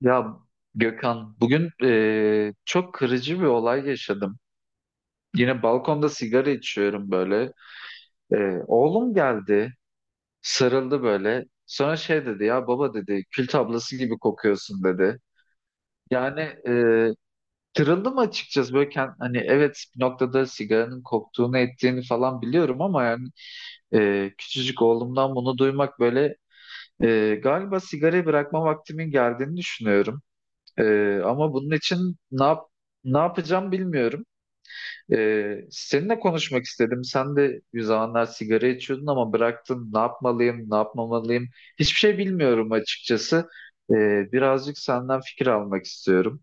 Ya Gökhan, bugün çok kırıcı bir olay yaşadım. Yine balkonda sigara içiyorum böyle. Oğlum geldi, sarıldı böyle. Sonra şey dedi, ya baba dedi, kül tablası gibi kokuyorsun dedi. Yani kırıldım açıkçası böyle hani evet bir noktada sigaranın koktuğunu ettiğini falan biliyorum ama yani küçücük oğlumdan bunu duymak böyle galiba sigarayı bırakma vaktimin geldiğini düşünüyorum. Ama bunun için ne yapacağım bilmiyorum. Seninle konuşmak istedim. Sen de bir zamanlar sigara içiyordun ama bıraktın. Ne yapmalıyım, ne yapmamalıyım? Hiçbir şey bilmiyorum açıkçası. Birazcık senden fikir almak istiyorum.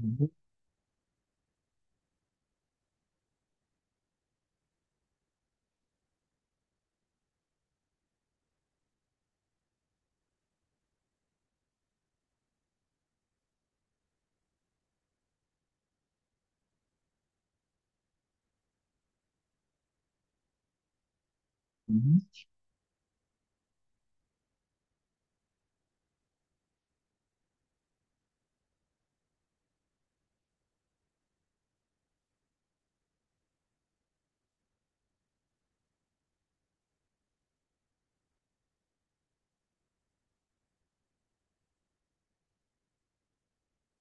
Hı hı, hı hı.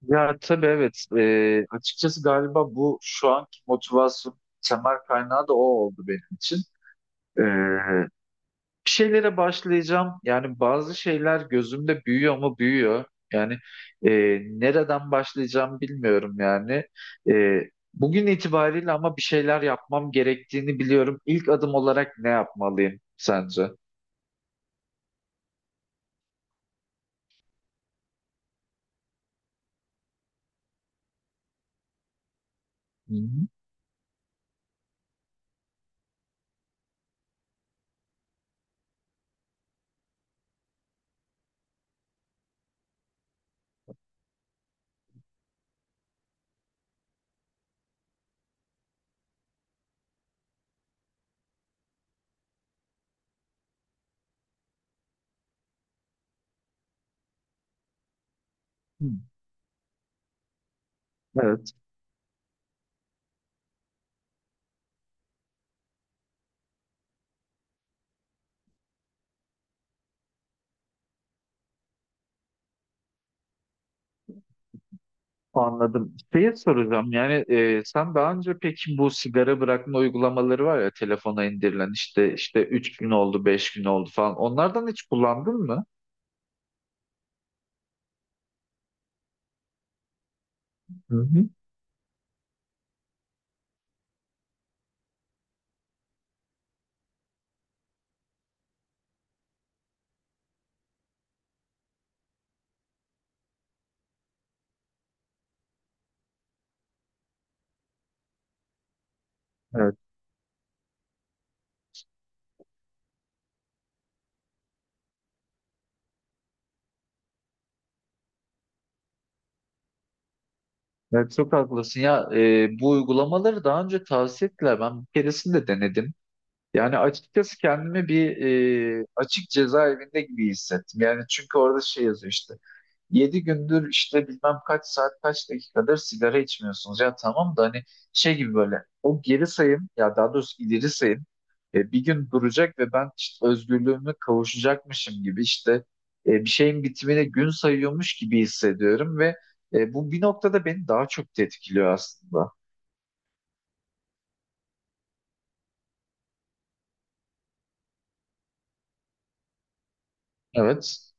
Ya tabii evet. Açıkçası galiba bu şu anki motivasyon temel kaynağı da o oldu benim için. Ee, bir şeylere başlayacağım. Yani bazı şeyler gözümde büyüyor mu büyüyor. Yani e, nereden başlayacağım bilmiyorum yani. E, bugün itibariyle ama bir şeyler yapmam gerektiğini biliyorum. İlk adım olarak ne yapmalıyım sence? Hı hı. Evet, anladım. Şeyi soracağım yani sen daha önce peki bu sigara bırakma uygulamaları var ya telefona indirilen işte 3 gün oldu 5 gün oldu falan onlardan hiç kullandın mı? Hı hı. Evet, çok haklısın ya bu uygulamaları daha önce tavsiye ettiler ben bir keresinde denedim. Yani açıkçası kendimi bir açık cezaevinde gibi hissettim. Yani çünkü orada şey yazıyor işte. 7 gündür işte bilmem kaç saat kaç dakikadır sigara içmiyorsunuz. Ya tamam da hani şey gibi böyle o geri sayım ya daha doğrusu ileri sayım bir gün duracak ve ben işte özgürlüğüme kavuşacakmışım gibi işte bir şeyin bitimine gün sayıyormuş gibi hissediyorum ve bu bir noktada beni daha çok tetkiliyor aslında. Evet.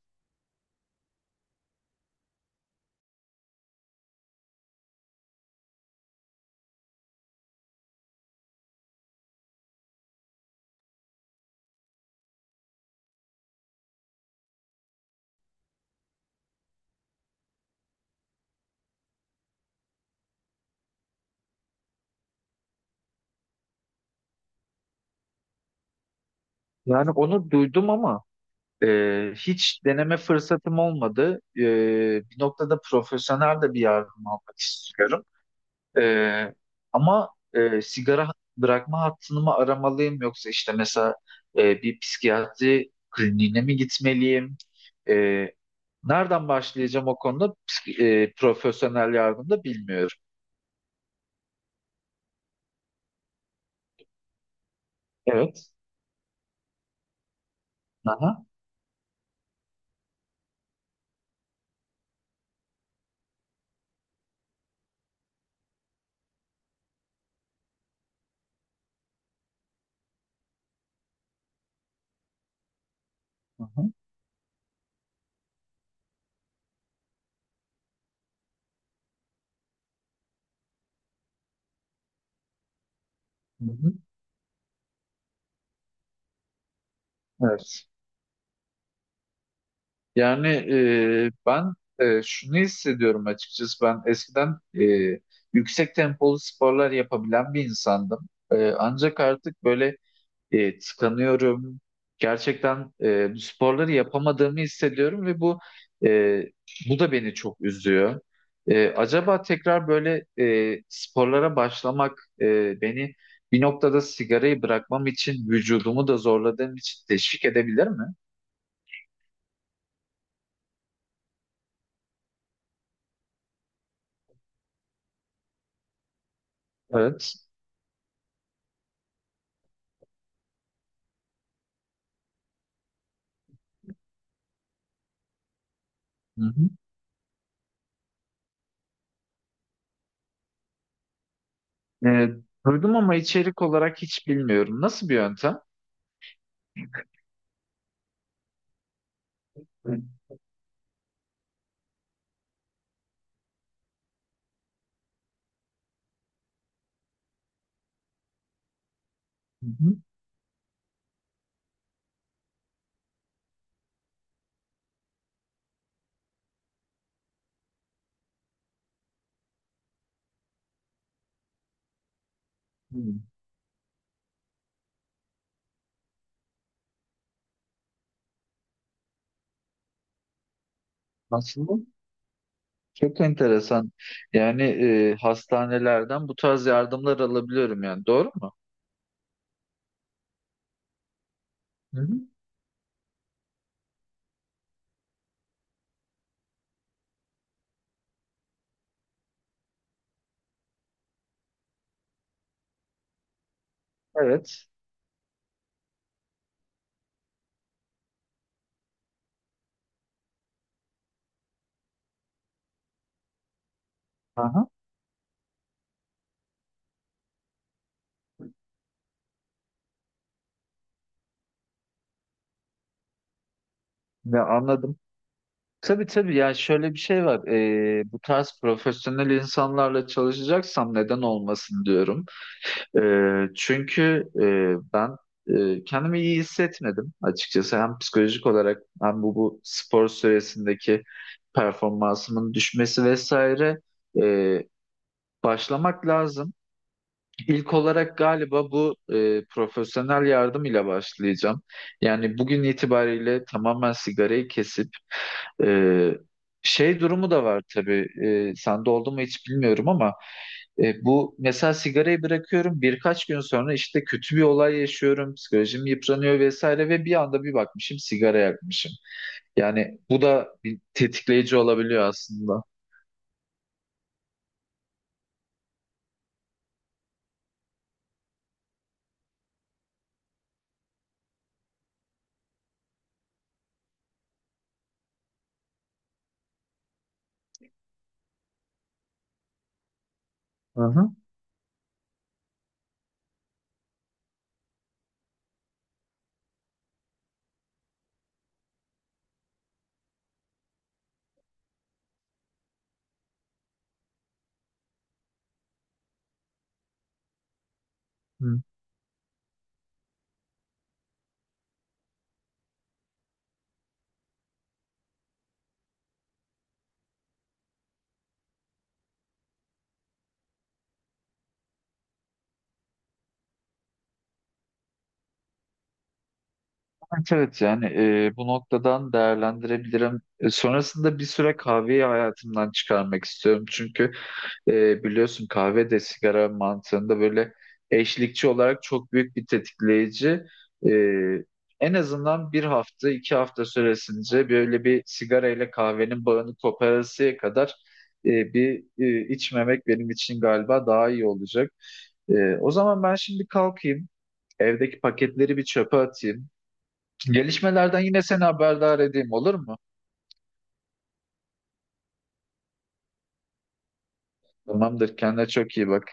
Yani onu duydum ama hiç deneme fırsatım olmadı. Bir noktada profesyonel de bir yardım almak istiyorum. Ee, ama sigara bırakma hattını mı aramalıyım yoksa işte mesela bir psikiyatri kliniğine mi gitmeliyim? E, nereden başlayacağım o konuda profesyonel yardım da bilmiyorum. Evet. Aha. Aha. Hı hı. Evet. Yani ben şunu hissediyorum açıkçası ben eskiden yüksek tempolu sporlar yapabilen bir insandım. Ancak artık böyle tıkanıyorum. Gerçekten bu sporları yapamadığımı hissediyorum ve e, bu da beni çok üzüyor. Acaba tekrar böyle sporlara başlamak beni bir noktada sigarayı bırakmam için vücudumu da zorladığım için teşvik edebilir mi? Evet. Hı hı. E, duydum ama içerik olarak hiç bilmiyorum. Nasıl bir yöntem? Hı hı. Hı. Nasıl? Çok enteresan. Yani hastanelerden bu tarz yardımlar alabiliyorum yani. Doğru mu? Hı hı. Evet. Aha. Ya anladım. Tabii tabii ya şöyle bir şey var. Bu tarz profesyonel insanlarla çalışacaksam neden olmasın diyorum. Çünkü ben kendimi iyi hissetmedim açıkçası. Hem psikolojik olarak hem bu spor süresindeki performansımın düşmesi vesaire. Ee, başlamak lazım. İlk olarak galiba bu profesyonel yardım ile başlayacağım. Yani bugün itibariyle tamamen sigarayı kesip e, şey durumu da var tabii. Sende oldu mu hiç bilmiyorum ama bu mesela sigarayı bırakıyorum birkaç gün sonra işte kötü bir olay yaşıyorum, psikolojim yıpranıyor vesaire ve bir anda bir bakmışım sigara yakmışım. Yani bu da bir tetikleyici olabiliyor aslında. Hı hı. Evet evet yani bu noktadan değerlendirebilirim. Sonrasında bir süre kahveyi hayatımdan çıkarmak istiyorum. Çünkü biliyorsun kahve de sigara mantığında böyle eşlikçi olarak çok büyük bir tetikleyici. E, en azından bir hafta 2 hafta süresince böyle bir sigara ile kahvenin bağını koparasıya kadar bir içmemek benim için galiba daha iyi olacak. E, o zaman ben şimdi kalkayım. Evdeki paketleri bir çöpe atayım. Gelişmelerden yine seni haberdar edeyim olur mu? Tamamdır. Kendine çok iyi bak.